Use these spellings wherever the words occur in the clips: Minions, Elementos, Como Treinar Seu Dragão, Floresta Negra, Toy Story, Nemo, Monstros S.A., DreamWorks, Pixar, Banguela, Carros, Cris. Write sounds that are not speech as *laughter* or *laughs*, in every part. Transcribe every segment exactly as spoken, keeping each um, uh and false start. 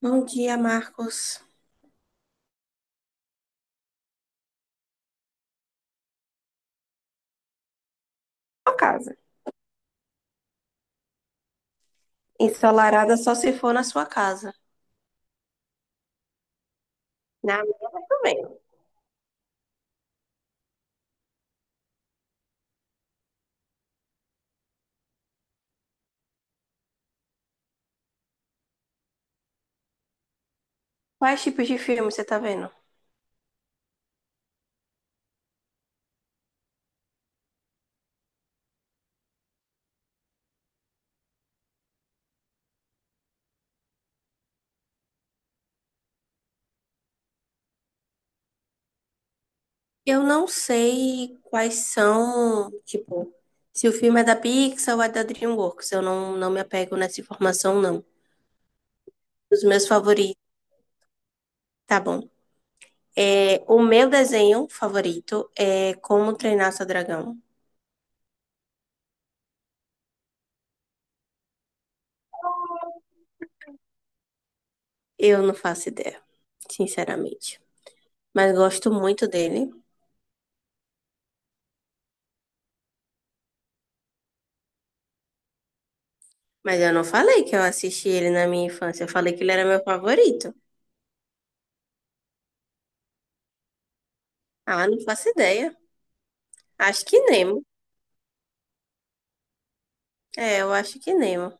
Bom dia, Marcos. Sua casa. Ensolarada só se for na sua casa. Na minha também. Quais tipos de filme você tá vendo? Eu não sei quais são, tipo, se o filme é da Pixar ou é da DreamWorks. Eu não, não me apego nessa informação, não. Os meus favoritos. Tá bom. É, o meu desenho favorito é Como Treinar Seu Dragão. Eu não faço ideia, sinceramente. Mas gosto muito dele. Mas eu não falei que eu assisti ele na minha infância. Eu falei que ele era meu favorito. Ah, não faço ideia. Acho que Nemo. É, eu acho que Nemo.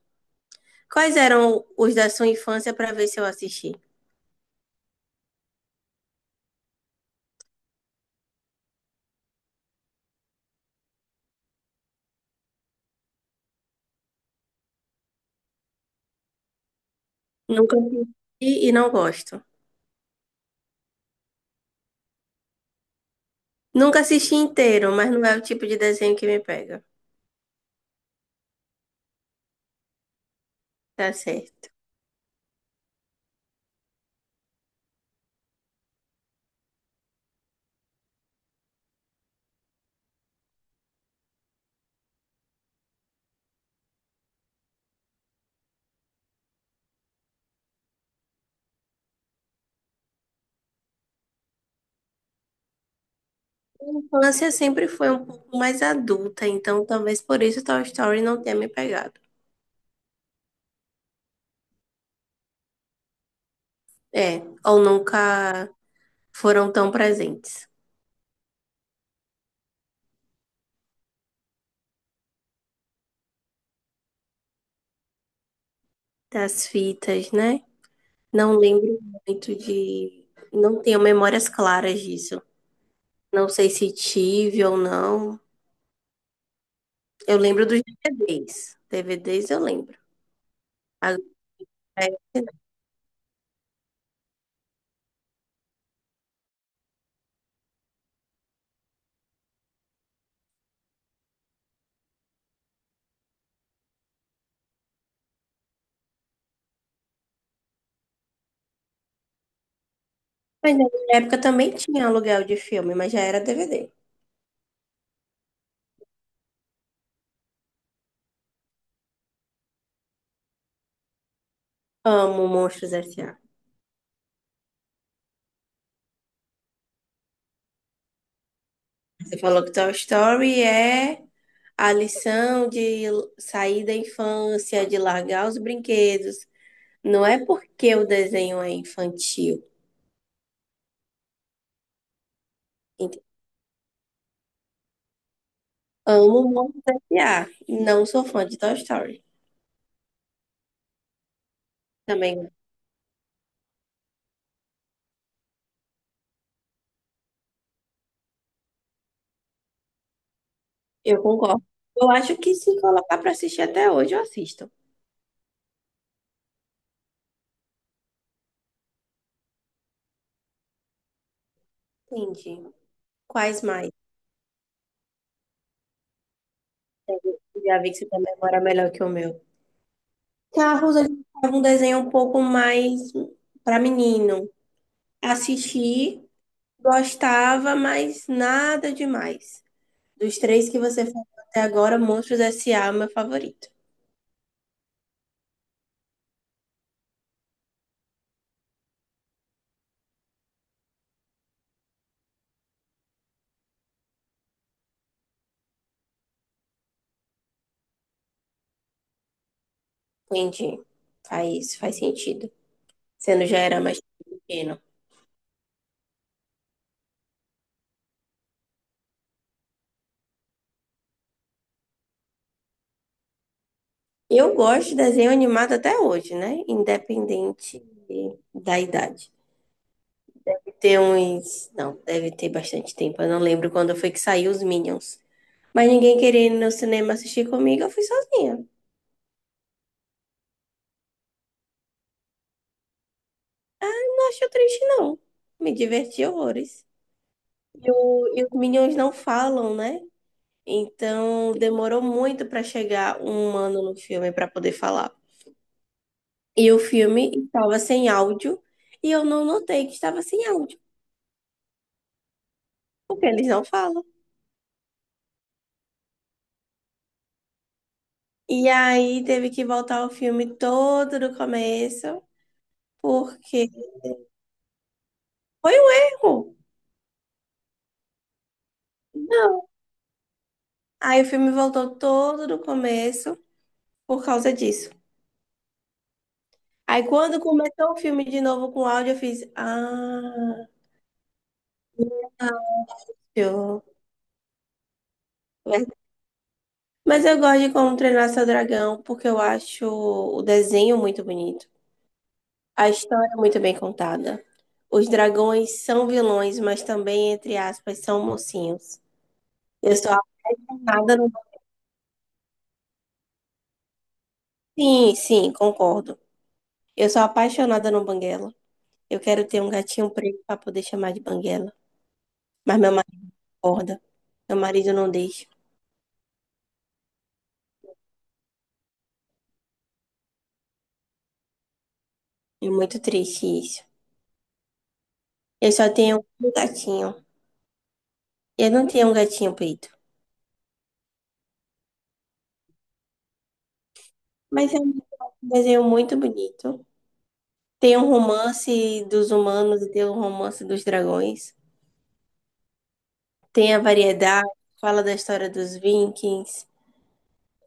Quais eram os da sua infância pra ver se eu assisti? Nunca assisti e não gosto. Nunca assisti inteiro, mas não é o tipo de desenho que me pega. Tá certo. A infância sempre foi um pouco mais adulta, então talvez por isso Toy Story não tenha me pegado. É, ou nunca foram tão presentes. Das fitas, né? Não lembro muito de. Não tenho memórias claras disso. Não sei se tive ou não. Eu lembro dos D V Ds. D V Ds eu lembro. Agora, é- Mas na minha época também tinha aluguel de filme, mas já era D V D. Amo Monstros S A. Você falou que Toy Story é a lição de sair da infância, de largar os brinquedos. Não é porque o desenho é infantil. Ent- Amo Monstros S A. Não sou fã de Toy Story. Também, eu concordo. Eu acho que se colocar para assistir até hoje, eu assisto. Entendi. Quais mais? Já vi que você tem memória melhor que o meu. Carros, ele tava um desenho um pouco mais para menino. Assisti, gostava, mas nada demais. Dos três que você falou até agora, Monstros S A é o meu favorito. Entendi. Faz, faz sentido. Sendo já era mais pequeno. Eu gosto de desenho animado até hoje, né? Independente da idade. Tem uns. Não, deve ter bastante tempo. Eu não lembro quando foi que saiu os Minions. Mas ninguém queria ir no cinema assistir comigo, eu fui sozinha. Não achei triste, não. Me diverti horrores. E, o- e os Minions não falam, né? Então demorou muito para chegar um humano no filme para poder falar. E o filme estava sem áudio e eu não notei que estava sem áudio, porque eles não falam. E aí teve que voltar o filme todo do começo, porque foi um erro. Não. Aí o filme voltou todo do começo por causa disso. Aí quando começou o filme de novo com áudio, eu fiz, ah, verdade. Mas eu gosto de Como Treinar Seu Dragão, porque eu acho o desenho muito bonito, a história é muito bem contada. Os dragões são vilões, mas também, entre aspas, são mocinhos. Eu sou apaixonada no... Sim, sim, concordo. Eu sou apaixonada no Banguela. Eu quero ter um gatinho preto para poder chamar de Banguela. Mas meu marido acorda. Meu marido não deixa. É muito triste isso. Eu só tenho um gatinho. Eu não tenho um gatinho preto. Mas é um desenho muito bonito. Tem o romance dos humanos e tem o romance dos dragões. Tem a variedade, fala da história dos Vikings.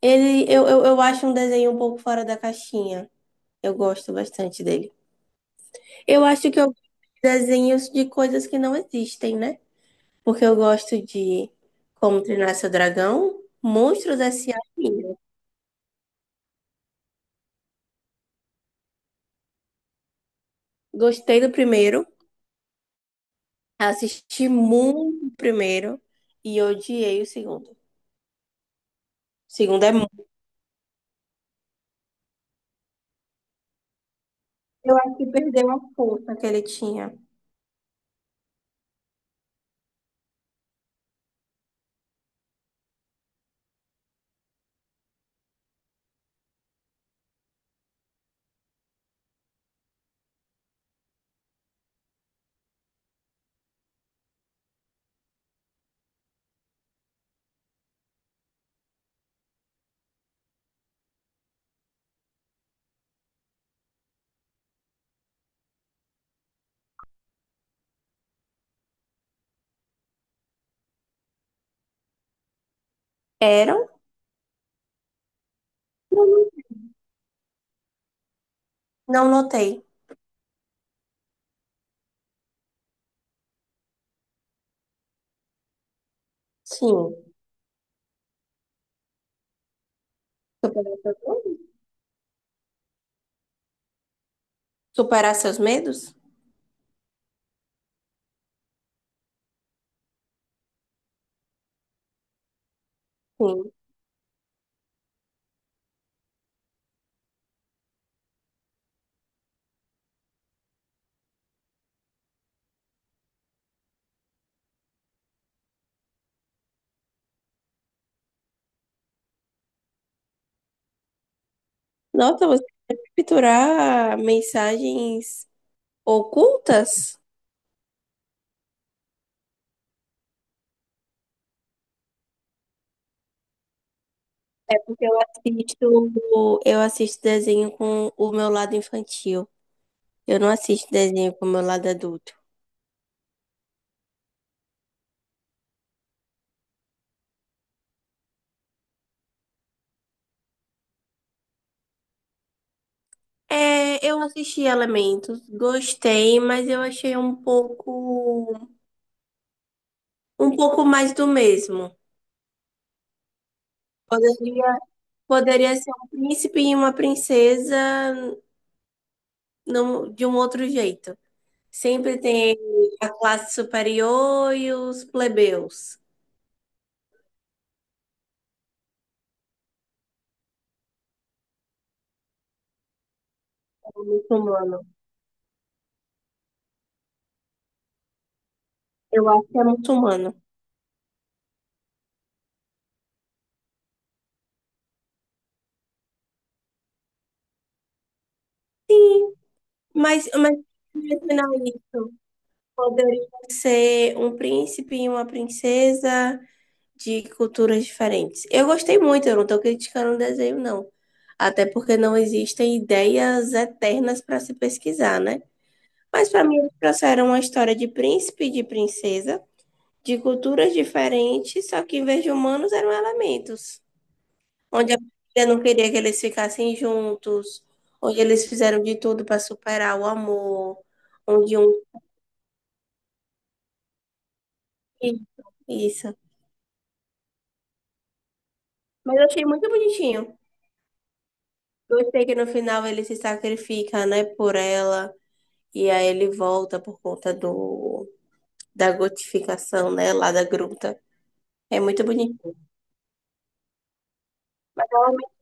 Ele, eu, eu, eu acho um desenho um pouco fora da caixinha. Eu gosto bastante dele. Eu acho que eu gosto de desenhos de coisas que não existem, né? Porque eu gosto de Como Treinar Seu Dragão, Monstros S A. Minions. Gostei do primeiro, assisti muito o primeiro e odiei o segundo. O segundo é muito. Eu acho que perdeu a força que ele tinha. Eram? Não não notei. Sim. Superar seus medos? Superar seus medos? Sim. Nossa, você quer capturar mensagens ocultas? É porque eu assisto, eu assisto desenho com o meu lado infantil. Eu não assisto desenho com o meu lado adulto. É, eu assisti Elementos, gostei, mas eu achei um pouco, um pouco mais do mesmo. Poderia, poderia ser um príncipe e uma princesa num- de um outro jeito. Sempre tem a classe superior e os plebeus, o muçulmano. Eu acho que é muçulmano. Mas, mas imaginar isso, poderia ser um príncipe e uma princesa de culturas diferentes. Eu gostei muito, eu não estou criticando o desenho, não. Até porque não existem ideias eternas para se pesquisar, né? Mas para mim, trouxeram uma história de príncipe e de princesa de culturas diferentes, só que em vez de humanos eram elementos. Onde a família não queria que eles ficassem juntos, onde eles fizeram de tudo para superar o amor, onde um. *laughs* Isso. Mas eu achei muito bonitinho. Gostei que no final ele se sacrifica, né, por ela. E aí ele volta por conta do, da gotificação, né, lá da gruta. É muito bonito.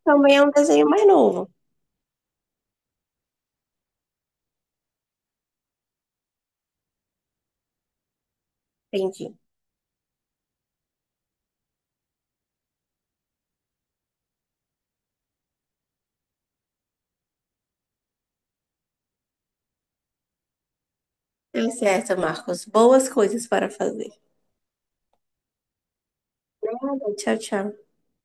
Também é um desenho mais novo. Entendi. Tá certo, Marcos. Boas coisas para fazer. Obrigada. Tchau, tchau.